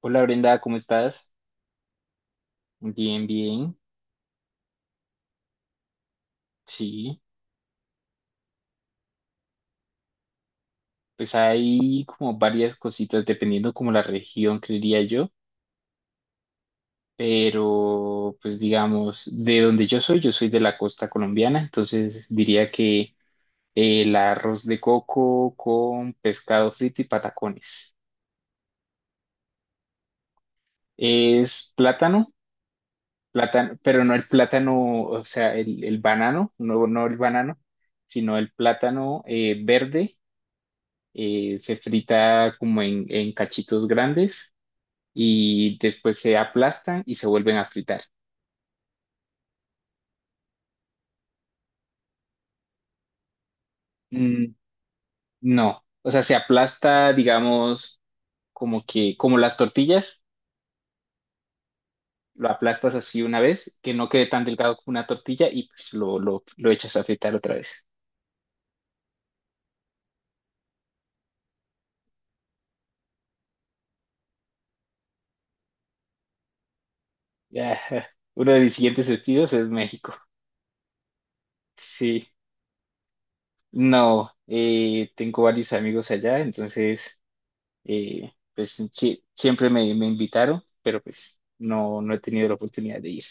Hola Brenda, ¿cómo estás? Bien, bien. Sí, pues hay como varias cositas dependiendo como la región, creería yo, pero pues digamos, de donde yo soy de la costa colombiana, entonces diría que el arroz de coco con pescado frito y patacones. Es plátano, plátano, pero no el plátano, o sea, el banano, no, no el banano, sino el plátano verde, se frita como en cachitos grandes y después se aplastan y se vuelven a fritar. Mm, no, o sea, se aplasta, digamos, como que, como las tortillas, lo aplastas así una vez, que no quede tan delgado como una tortilla y pues, lo echas a fritar otra vez. Ya, uno de mis siguientes destinos es México. Sí, no, tengo varios amigos allá, entonces... pues sí, siempre me invitaron, pero pues no, no he tenido la oportunidad de ir.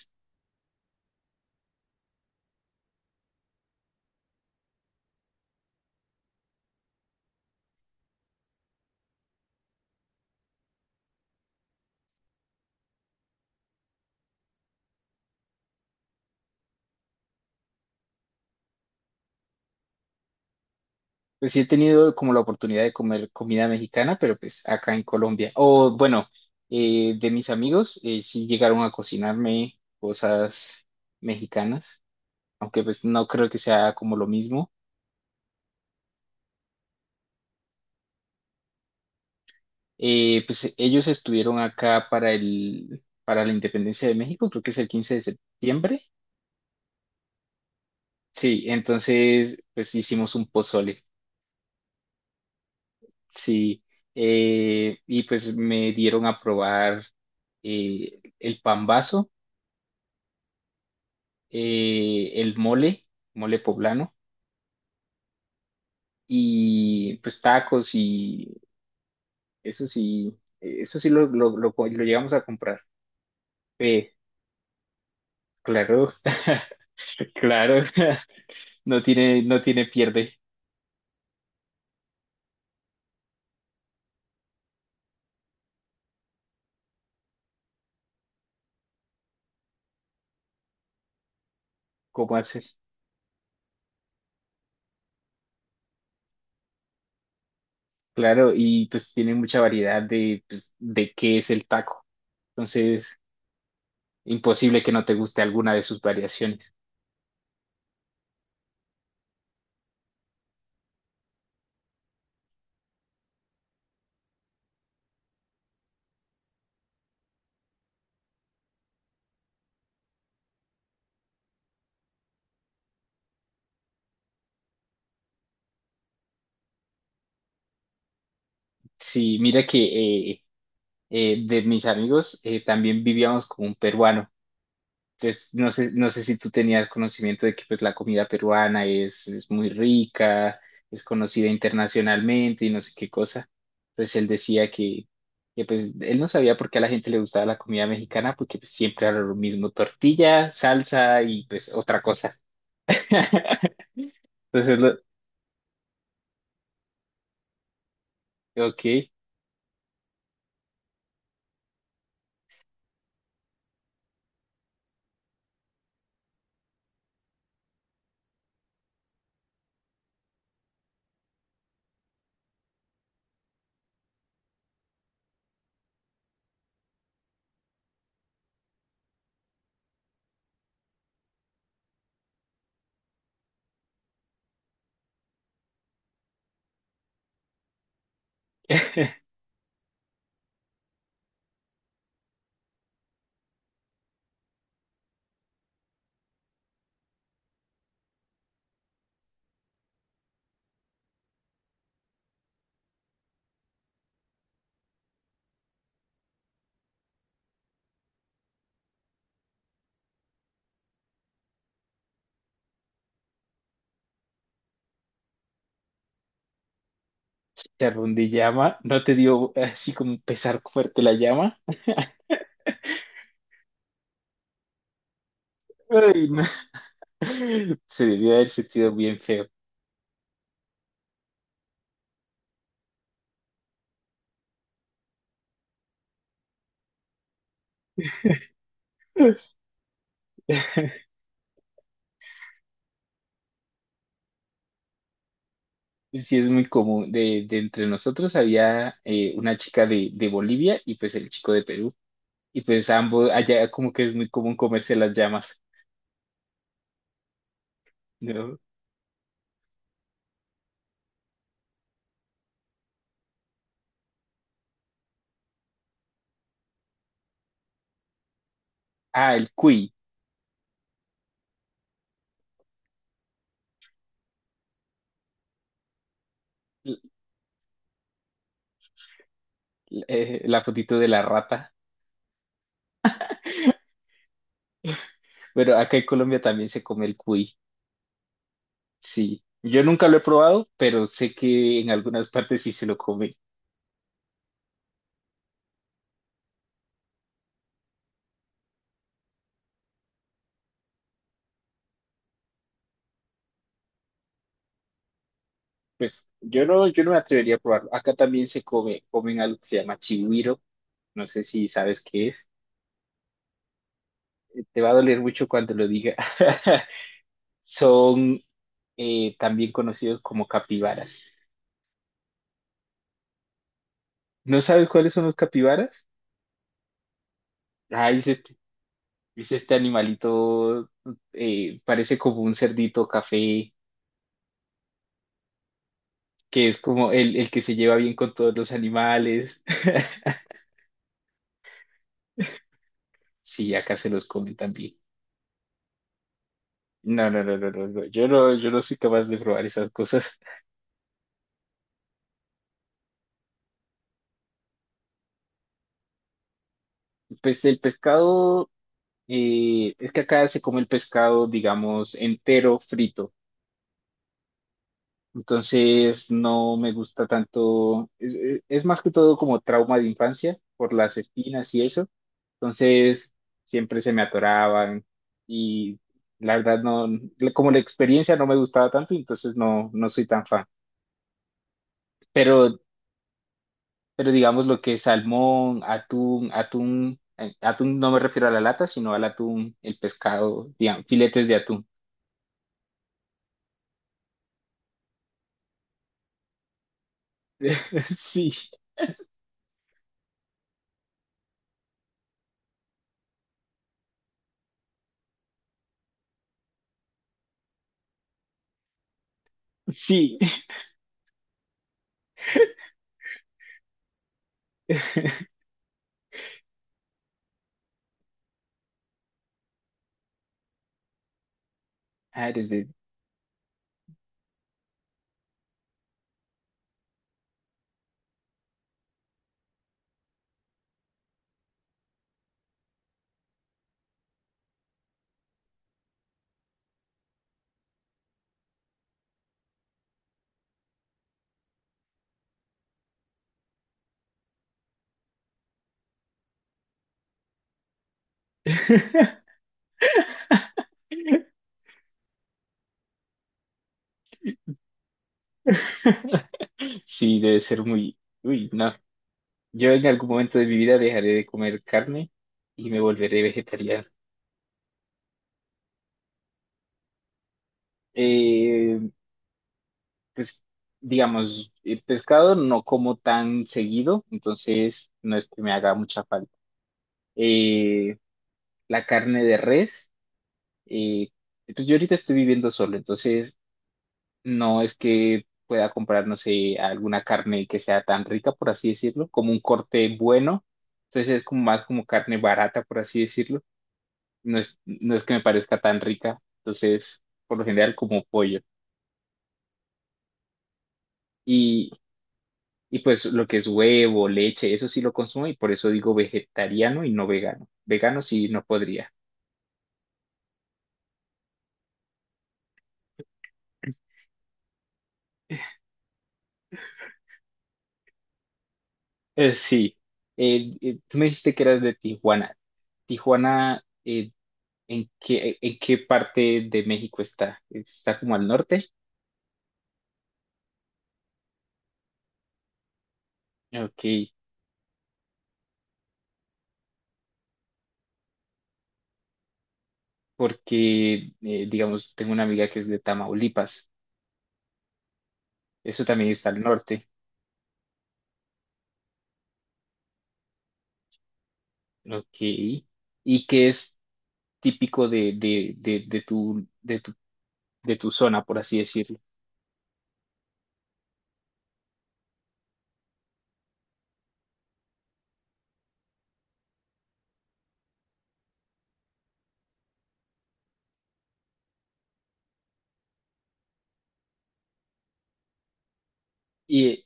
Pues sí he tenido como la oportunidad de comer comida mexicana, pero pues acá en Colombia. O bueno, de mis amigos sí llegaron a cocinarme cosas mexicanas, aunque pues no creo que sea como lo mismo. Pues ellos estuvieron acá para para la independencia de México, creo que es el 15 de septiembre. Sí, entonces pues hicimos un pozole. Sí, y pues me dieron a probar el pambazo, el mole, mole poblano, y pues tacos y eso sí lo llegamos a comprar. Eh, claro, claro, no tiene, no tiene pierde cómo hacer. Claro, y pues tiene mucha variedad de, pues, de qué es el taco, entonces imposible que no te guste alguna de sus variaciones. Sí, mira que de mis amigos también vivíamos con un peruano. Entonces, no sé, no sé si tú tenías conocimiento de que pues, la comida peruana es muy rica, es conocida internacionalmente y no sé qué cosa. Entonces él decía que pues, él no sabía por qué a la gente le gustaba la comida mexicana, porque pues, siempre era lo mismo, tortilla, salsa y pues otra cosa. Entonces, lo, ok. Te ardilla llama, ¿no te dio así como un pesar fuerte la llama? Ay, no. Se debió haber sentido bien feo. Sí, es muy común. De entre nosotros había una chica de Bolivia y pues el chico de Perú. Y pues ambos, allá como que es muy común comerse las llamas, ¿no? Ah, el cuy, l- la fotito de la rata. Bueno, acá en Colombia también se come el cuy, sí. Yo nunca lo he probado, pero sé que en algunas partes sí se lo come. Pues yo no, yo no me atrevería a probarlo. Acá también se come, comen algo que se llama chigüiro, no sé si sabes qué es. Te va a doler mucho cuando lo diga. Son también conocidos como capibaras. ¿No sabes cuáles son los capibaras? Ah, es este animalito, parece como un cerdito café, que es como el que se lleva bien con todos los animales. Sí, acá se los comen también. No, no, no, no, no, no. Yo no, yo no soy capaz de probar esas cosas. Pues el pescado, es que acá se come el pescado, digamos, entero, frito. Entonces no me gusta tanto, es más que todo como trauma de infancia por las espinas y eso. Entonces siempre se me atoraban y la verdad no, como la experiencia no me gustaba tanto, entonces no, no soy tan fan. Pero, pero digamos lo que es salmón, atún no me refiero a la lata, sino al atún, el pescado, digamos, filetes de atún. Sí. Sí. Ah, eres de... Sí, debe ser muy... Uy, no. Yo en algún momento de mi vida dejaré de comer carne y me volveré vegetariano. Eh, pues, digamos, el pescado no como tan seguido, entonces no es que me haga mucha falta. Eh, la carne de res, eh, pues yo ahorita estoy viviendo solo, entonces no es que pueda comprar, no sé, alguna carne que sea tan rica, por así decirlo, como un corte bueno. Entonces es como más como carne barata, por así decirlo. No es que me parezca tan rica. Entonces, por lo general, como pollo. Y, y pues lo que es huevo, leche, eso sí lo consumo y por eso digo vegetariano y no vegano. Vegano sí no podría. Eh, sí. Tú me dijiste que eras de Tijuana. Tijuana, ¿en qué, en qué parte de México está? ¿Está como al norte? Ok, porque, digamos, tengo una amiga que es de Tamaulipas. Eso también está al norte. Ok. ¿Y qué es típico de tu zona, por así decirlo? Y,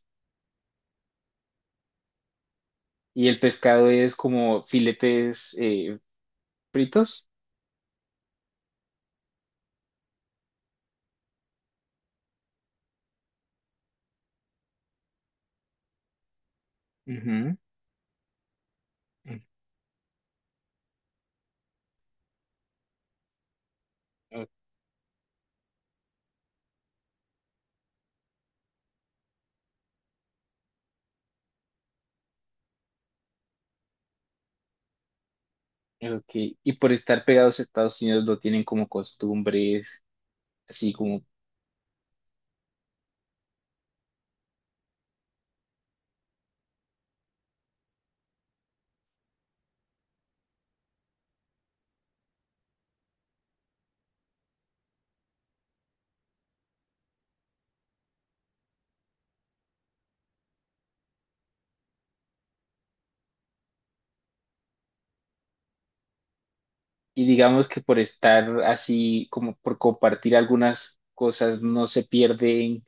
y el pescado es como filetes, fritos. Ujú. O- Ok. Y por estar pegados a Estados Unidos no tienen como costumbres, así como... Y digamos que por estar así, como por compartir algunas cosas, no se pierden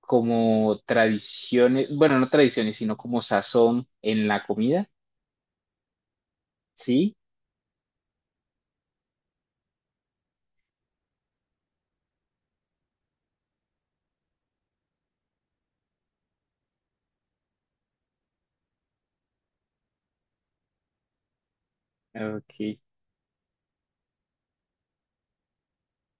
como tradiciones, bueno, no tradiciones, sino como sazón en la comida, ¿sí? Ok.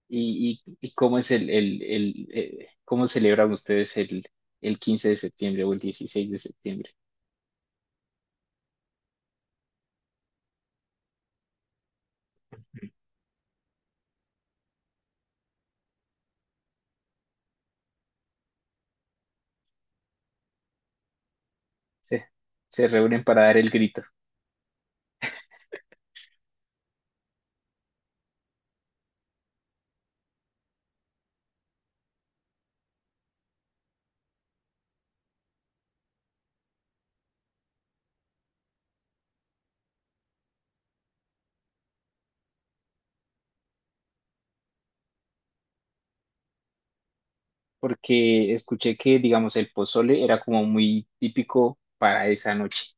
Y cómo es cómo celebran ustedes el 15 de septiembre o el 16 de septiembre? Se, se reúnen para dar el grito, porque escuché que, digamos, el pozole era como muy típico para esa noche.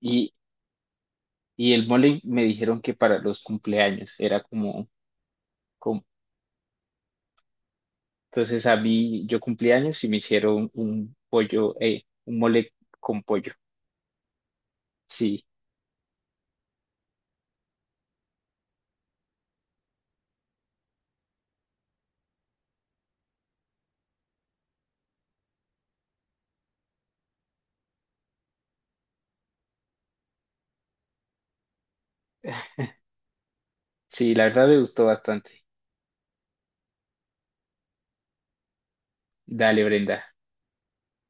Y y el mole me dijeron que para los cumpleaños era como, como... entonces a mí yo cumpleaños y me hicieron un pollo, un mole con pollo. Sí, sí, la verdad me gustó bastante. Dale, Brenda.